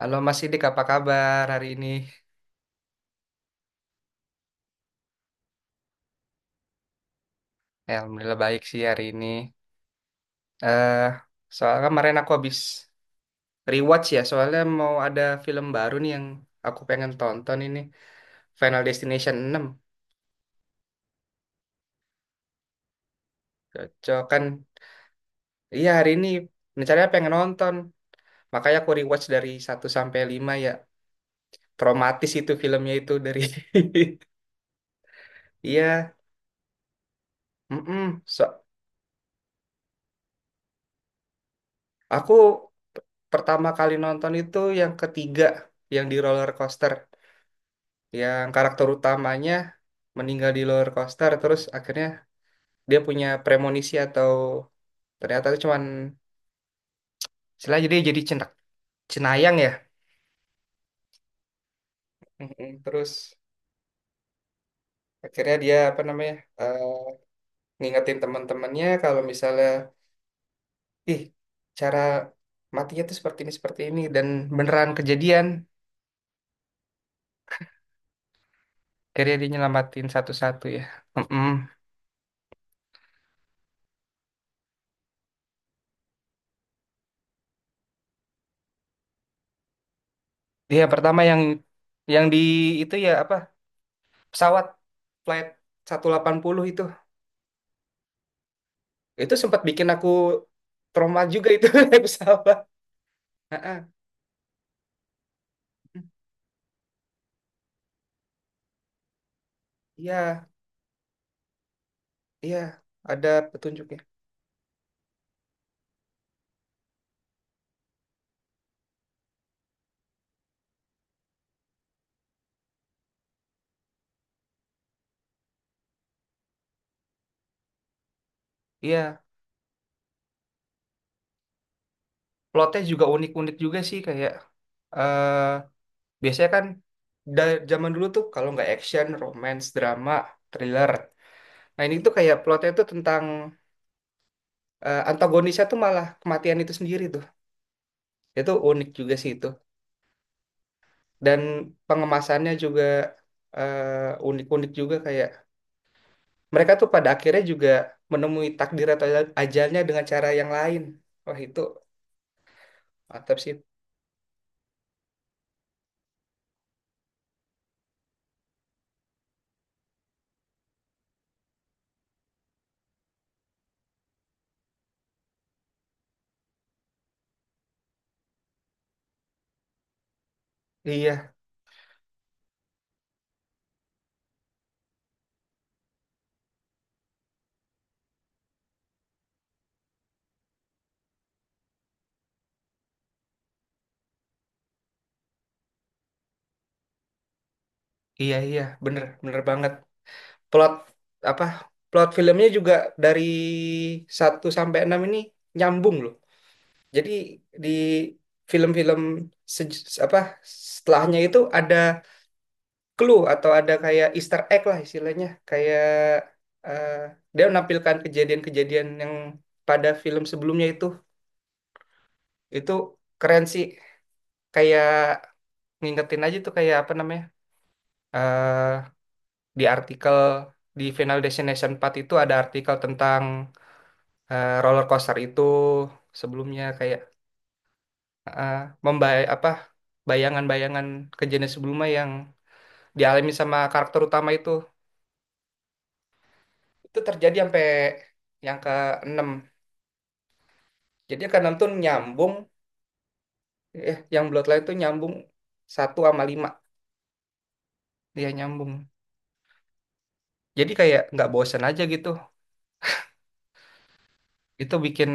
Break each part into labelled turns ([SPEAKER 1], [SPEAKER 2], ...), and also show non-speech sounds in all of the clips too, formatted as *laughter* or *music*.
[SPEAKER 1] Halo Mas Sidik, apa kabar hari ini? Ya, Alhamdulillah baik sih hari ini. eh Soalnya kemarin aku habis rewatch, ya, soalnya mau ada film baru nih yang aku pengen tonton ini. Final Destination enam. Cocok kan? Iya, hari ini rencananya pengen nonton. Makanya aku rewatch dari satu sampai 5 ya. Traumatis itu filmnya itu dari *laughs* Iya. Mm. So, aku p- pertama kali nonton itu yang ketiga, yang di roller coaster, yang karakter utamanya meninggal di roller coaster. Terus akhirnya dia punya premonisi atau ternyata itu cuman setelah jadi cenayang ya. Mm-mm. Terus akhirnya dia apa namanya, eh, ngingetin teman-temannya kalau misalnya ih cara matinya tuh seperti ini dan beneran kejadian. Akhirnya dia nyelamatin satu-satu ya. Mm-mm. Dia pertama yang di itu, ya, apa, pesawat flight 180 itu. Itu sempat bikin aku trauma juga itu *laughs* naik pesawat. Heeh. Iya, iya, ada petunjuknya. Iya, plotnya juga unik-unik juga sih, kayak eh biasanya kan zaman dulu tuh kalau nggak action, romance, drama, thriller. Nah, ini tuh kayak plotnya tuh tentang, antagonisnya tuh malah kematian itu sendiri tuh. Itu unik juga sih itu. Dan pengemasannya juga, eh, unik-unik juga, kayak mereka tuh pada akhirnya juga menemui takdir atau ajalnya dengan cara yang lain. Wah, itu mantap sih. Iya, iya, iya, bener, bener banget. Plot apa? Plot filmnya juga dari satu sampai 6 ini nyambung loh. Jadi di film-film apa setelahnya itu ada clue atau ada kayak Easter egg lah istilahnya, kayak eh, dia menampilkan kejadian-kejadian yang pada film sebelumnya itu. Itu keren sih, kayak ngingetin aja tuh kayak apa namanya, eh di artikel di Final Destination empat itu ada artikel tentang, roller coaster itu sebelumnya, kayak eh membay apa bayangan-bayangan kejadian sebelumnya yang dialami sama karakter utama itu terjadi sampai yang ke enam. Jadi yang ke enam tuh nyambung, yang Bloodline tuh nyambung satu sama lima, dia nyambung, jadi kayak nggak bosen aja gitu. Itu bikin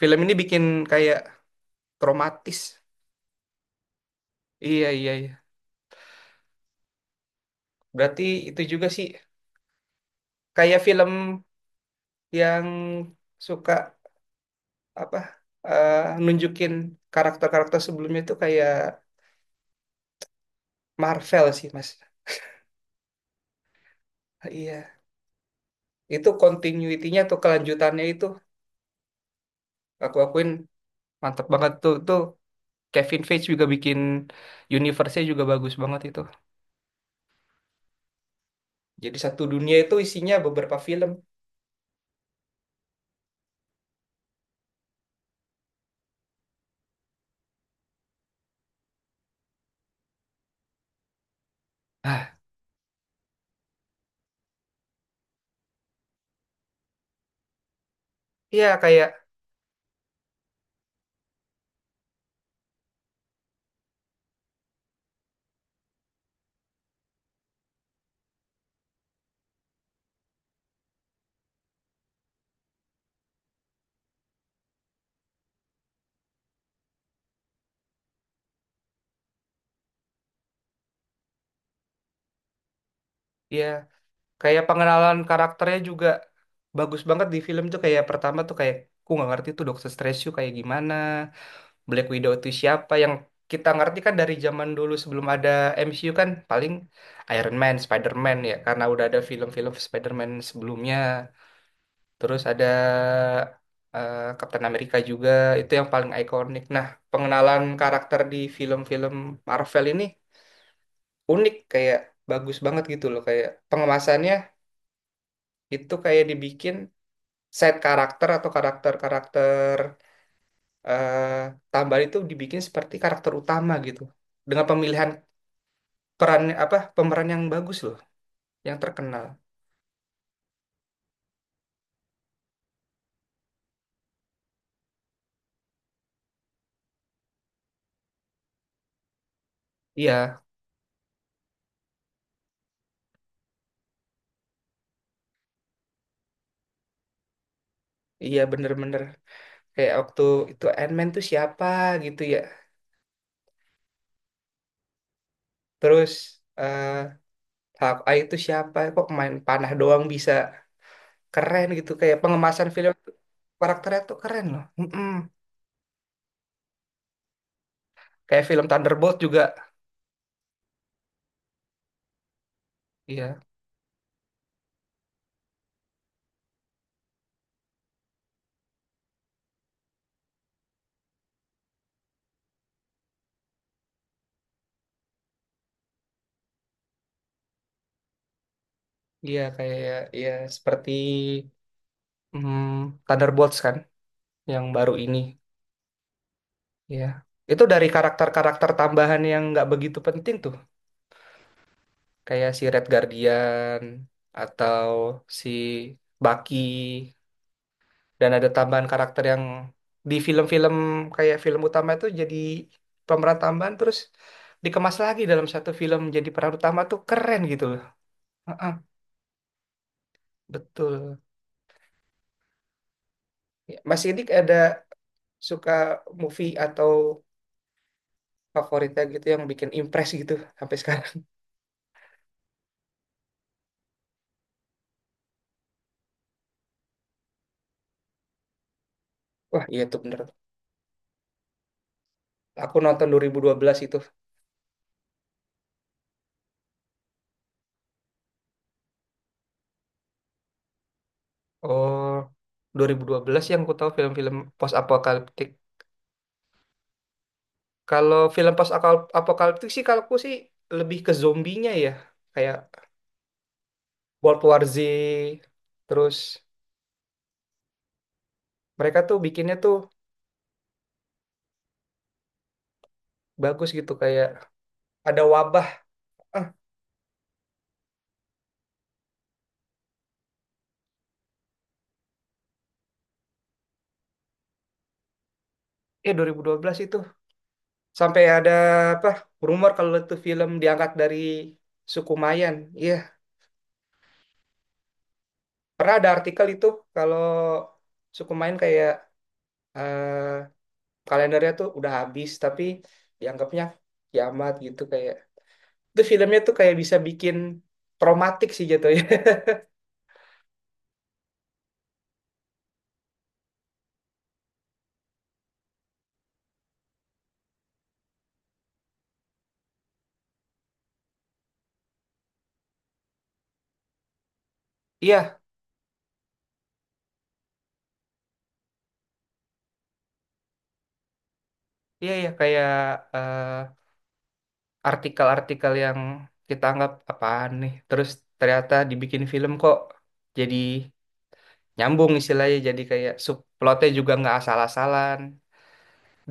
[SPEAKER 1] film ini bikin kayak Kromatis. Iya, iya, iya. Berarti itu juga sih kayak film yang suka apa, eh, nunjukin karakter-karakter sebelumnya itu kayak Marvel sih, Mas. Iya. Itu continuity-nya atau kelanjutannya itu aku akuin mantep banget tuh. Tuh Kevin Feige juga bikin universe-nya juga bagus banget itu. Jadi satu dunia itu isinya beberapa film. Ah, iya, kayak, ya, kayak pengenalan karakternya juga bagus banget di film tuh, kayak pertama tuh kayak aku nggak ngerti tuh Doctor Strange tuh kayak gimana, Black Widow itu siapa, yang kita ngerti kan dari zaman dulu sebelum ada MCU kan paling Iron Man, Spider-Man, ya karena udah ada film-film Spider-Man sebelumnya. Terus ada, Captain America juga, itu yang paling ikonik. Nah, pengenalan karakter di film-film Marvel ini unik, kayak bagus banget gitu loh, kayak pengemasannya itu kayak dibikin set karakter atau karakter-karakter, eh, tambahan itu dibikin seperti karakter utama gitu. Dengan pemilihan peran apa pemeran yang bagus loh, yang terkenal. Iya, iya, bener-bener, kayak waktu itu Ant-Man tuh siapa gitu ya. Terus eh Hawkeye itu siapa? Kok main panah doang bisa keren gitu, kayak pengemasan film tuh, karakternya tuh keren loh. Mm-mm. Kayak film Thunderbolt juga. Iya, iya, kayak iya seperti, Thunderbolts kan, yang baru ini ya. Itu dari karakter-karakter tambahan yang nggak begitu penting tuh kayak si Red Guardian atau si Bucky, dan ada tambahan karakter yang di film-film kayak film utama itu jadi pemeran tambahan, terus dikemas lagi dalam satu film jadi peran utama, tuh keren gitu loh. Heeh, betul. Ya, Mas Idik ada suka movie atau favoritnya gitu yang bikin impress gitu sampai sekarang? *laughs* Wah, iya tuh bener. Aku nonton 2012 itu. Oh, 2012 yang ku tahu film-film post apokaliptik. Kalau film post apokaliptik sih kalau aku sih lebih ke zombinya ya. Kayak World War Z, terus mereka tuh bikinnya tuh bagus gitu, kayak ada wabah. Ah, 2012 itu sampai ada apa? Rumor kalau itu film diangkat dari suku Mayan. Iya, pernah ada artikel itu kalau suku Mayan kayak, eh, kalendernya tuh udah habis tapi dianggapnya kiamat gitu, kayak itu filmnya tuh kayak bisa bikin traumatik sih jatuhnya. *laughs* Iya, iya, iya, kayak, eh, artikel-artikel yang kita anggap apaan nih, terus ternyata dibikin film kok, jadi nyambung istilahnya, jadi kayak subplotnya juga nggak asal-asalan.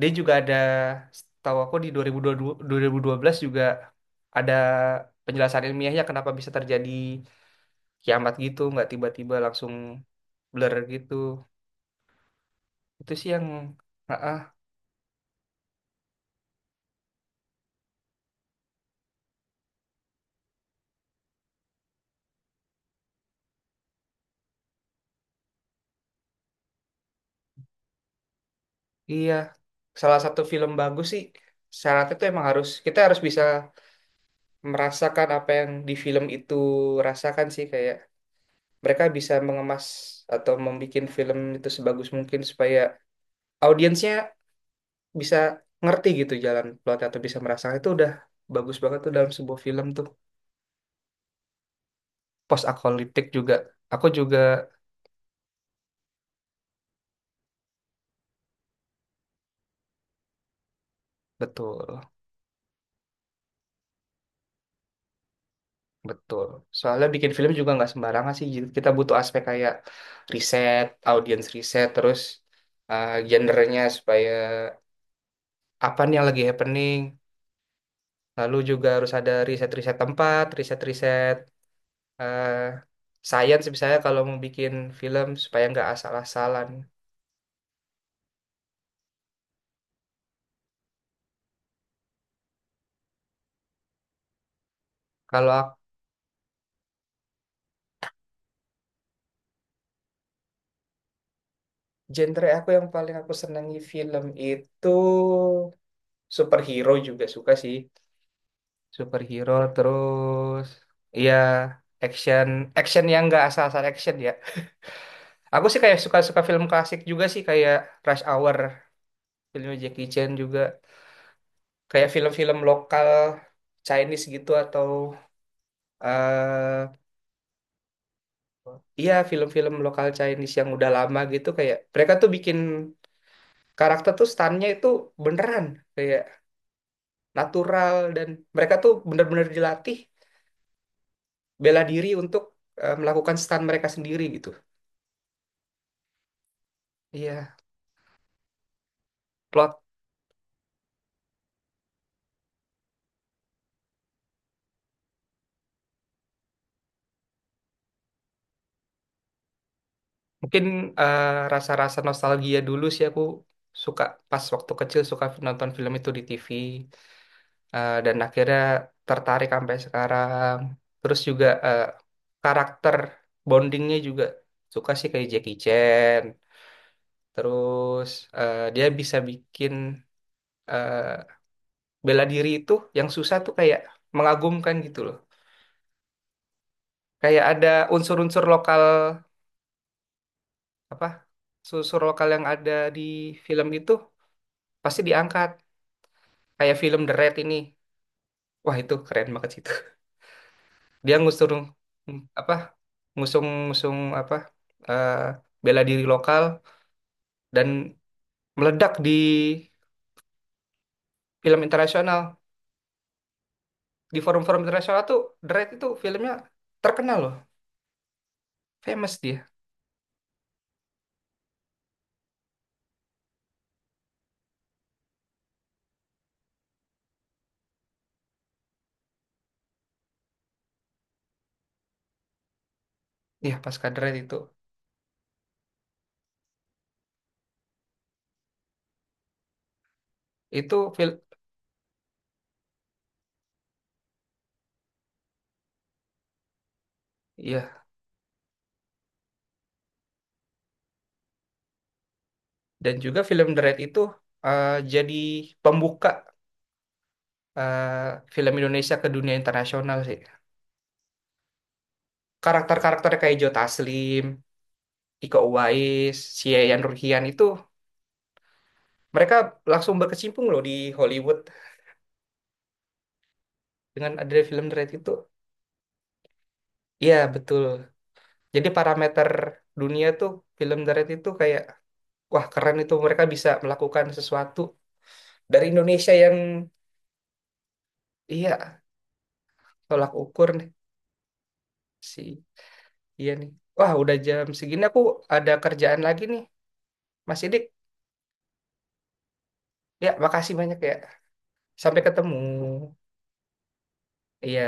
[SPEAKER 1] Dia juga ada, tahu, aku di 2022, 2012 juga ada penjelasan ilmiahnya kenapa bisa terjadi kiamat gitu, nggak tiba-tiba langsung blur gitu. Itu sih yang, ah ah, iya, salah satu film bagus sih syaratnya tuh emang harus, kita harus bisa merasakan apa yang di film itu rasakan sih, kayak mereka bisa mengemas atau membuat film itu sebagus mungkin supaya audiensnya bisa ngerti gitu jalan plot atau bisa merasakan, itu udah bagus banget tuh dalam sebuah film tuh post apokaliptik juga, aku juga betul. Betul. Soalnya bikin film juga nggak sembarangan sih. Jadi kita butuh aspek kayak riset, audience riset, terus, gendernya supaya apa nih yang lagi happening. Lalu juga harus ada riset-riset tempat, riset-riset, uh, science misalnya kalau mau bikin film supaya nggak asal-asalan. Kalau genre aku yang paling aku senangi film itu superhero juga suka sih. Superhero, terus, iya, action action yang nggak asal-asal action ya. Aku sih kayak suka-suka film klasik juga sih kayak Rush Hour, filmnya Jackie Chan juga. Kayak film-film lokal Chinese gitu atau eh iya film-film lokal Chinese yang udah lama gitu, kayak mereka tuh bikin karakter tuh stunnya itu beneran kayak natural, dan mereka tuh bener-bener dilatih bela diri untuk, melakukan stun mereka sendiri gitu. Iya, plot. Mungkin, eh, rasa-rasa nostalgia dulu sih aku suka pas waktu kecil suka nonton film itu di TV, dan akhirnya tertarik sampai sekarang. Terus juga, karakter bondingnya juga suka sih kayak Jackie Chan. Terus, dia bisa bikin, eh, bela diri itu yang susah tuh kayak mengagumkan gitu loh. Kayak ada unsur-unsur lokal apa? Unsur lokal yang ada di film itu pasti diangkat, kayak film The Raid ini, wah itu keren banget sih itu. *laughs* Dia ngusung apa, ngusung ngusung apa, eh, bela diri lokal, dan meledak di film internasional, di forum-forum internasional tuh, The Raid itu filmnya terkenal loh, famous dia. Iya, pasca The Raid itu film. Iya, dan juga film The Raid itu, jadi pembuka, eh, film Indonesia ke dunia internasional sih. Karakter-karakter kayak Joe Taslim, Iko Uwais, si Yayan Ruhian itu mereka langsung berkecimpung loh di Hollywood dengan ada film The Raid itu. Iya, betul. Jadi parameter dunia tuh film The Raid itu kayak, wah, keren itu mereka bisa melakukan sesuatu dari Indonesia yang, iya, tolak ukur nih si, iya nih. Wah, udah jam segini aku ada kerjaan lagi nih. Mas Sidik, ya, makasih banyak ya. Sampai ketemu. Iya.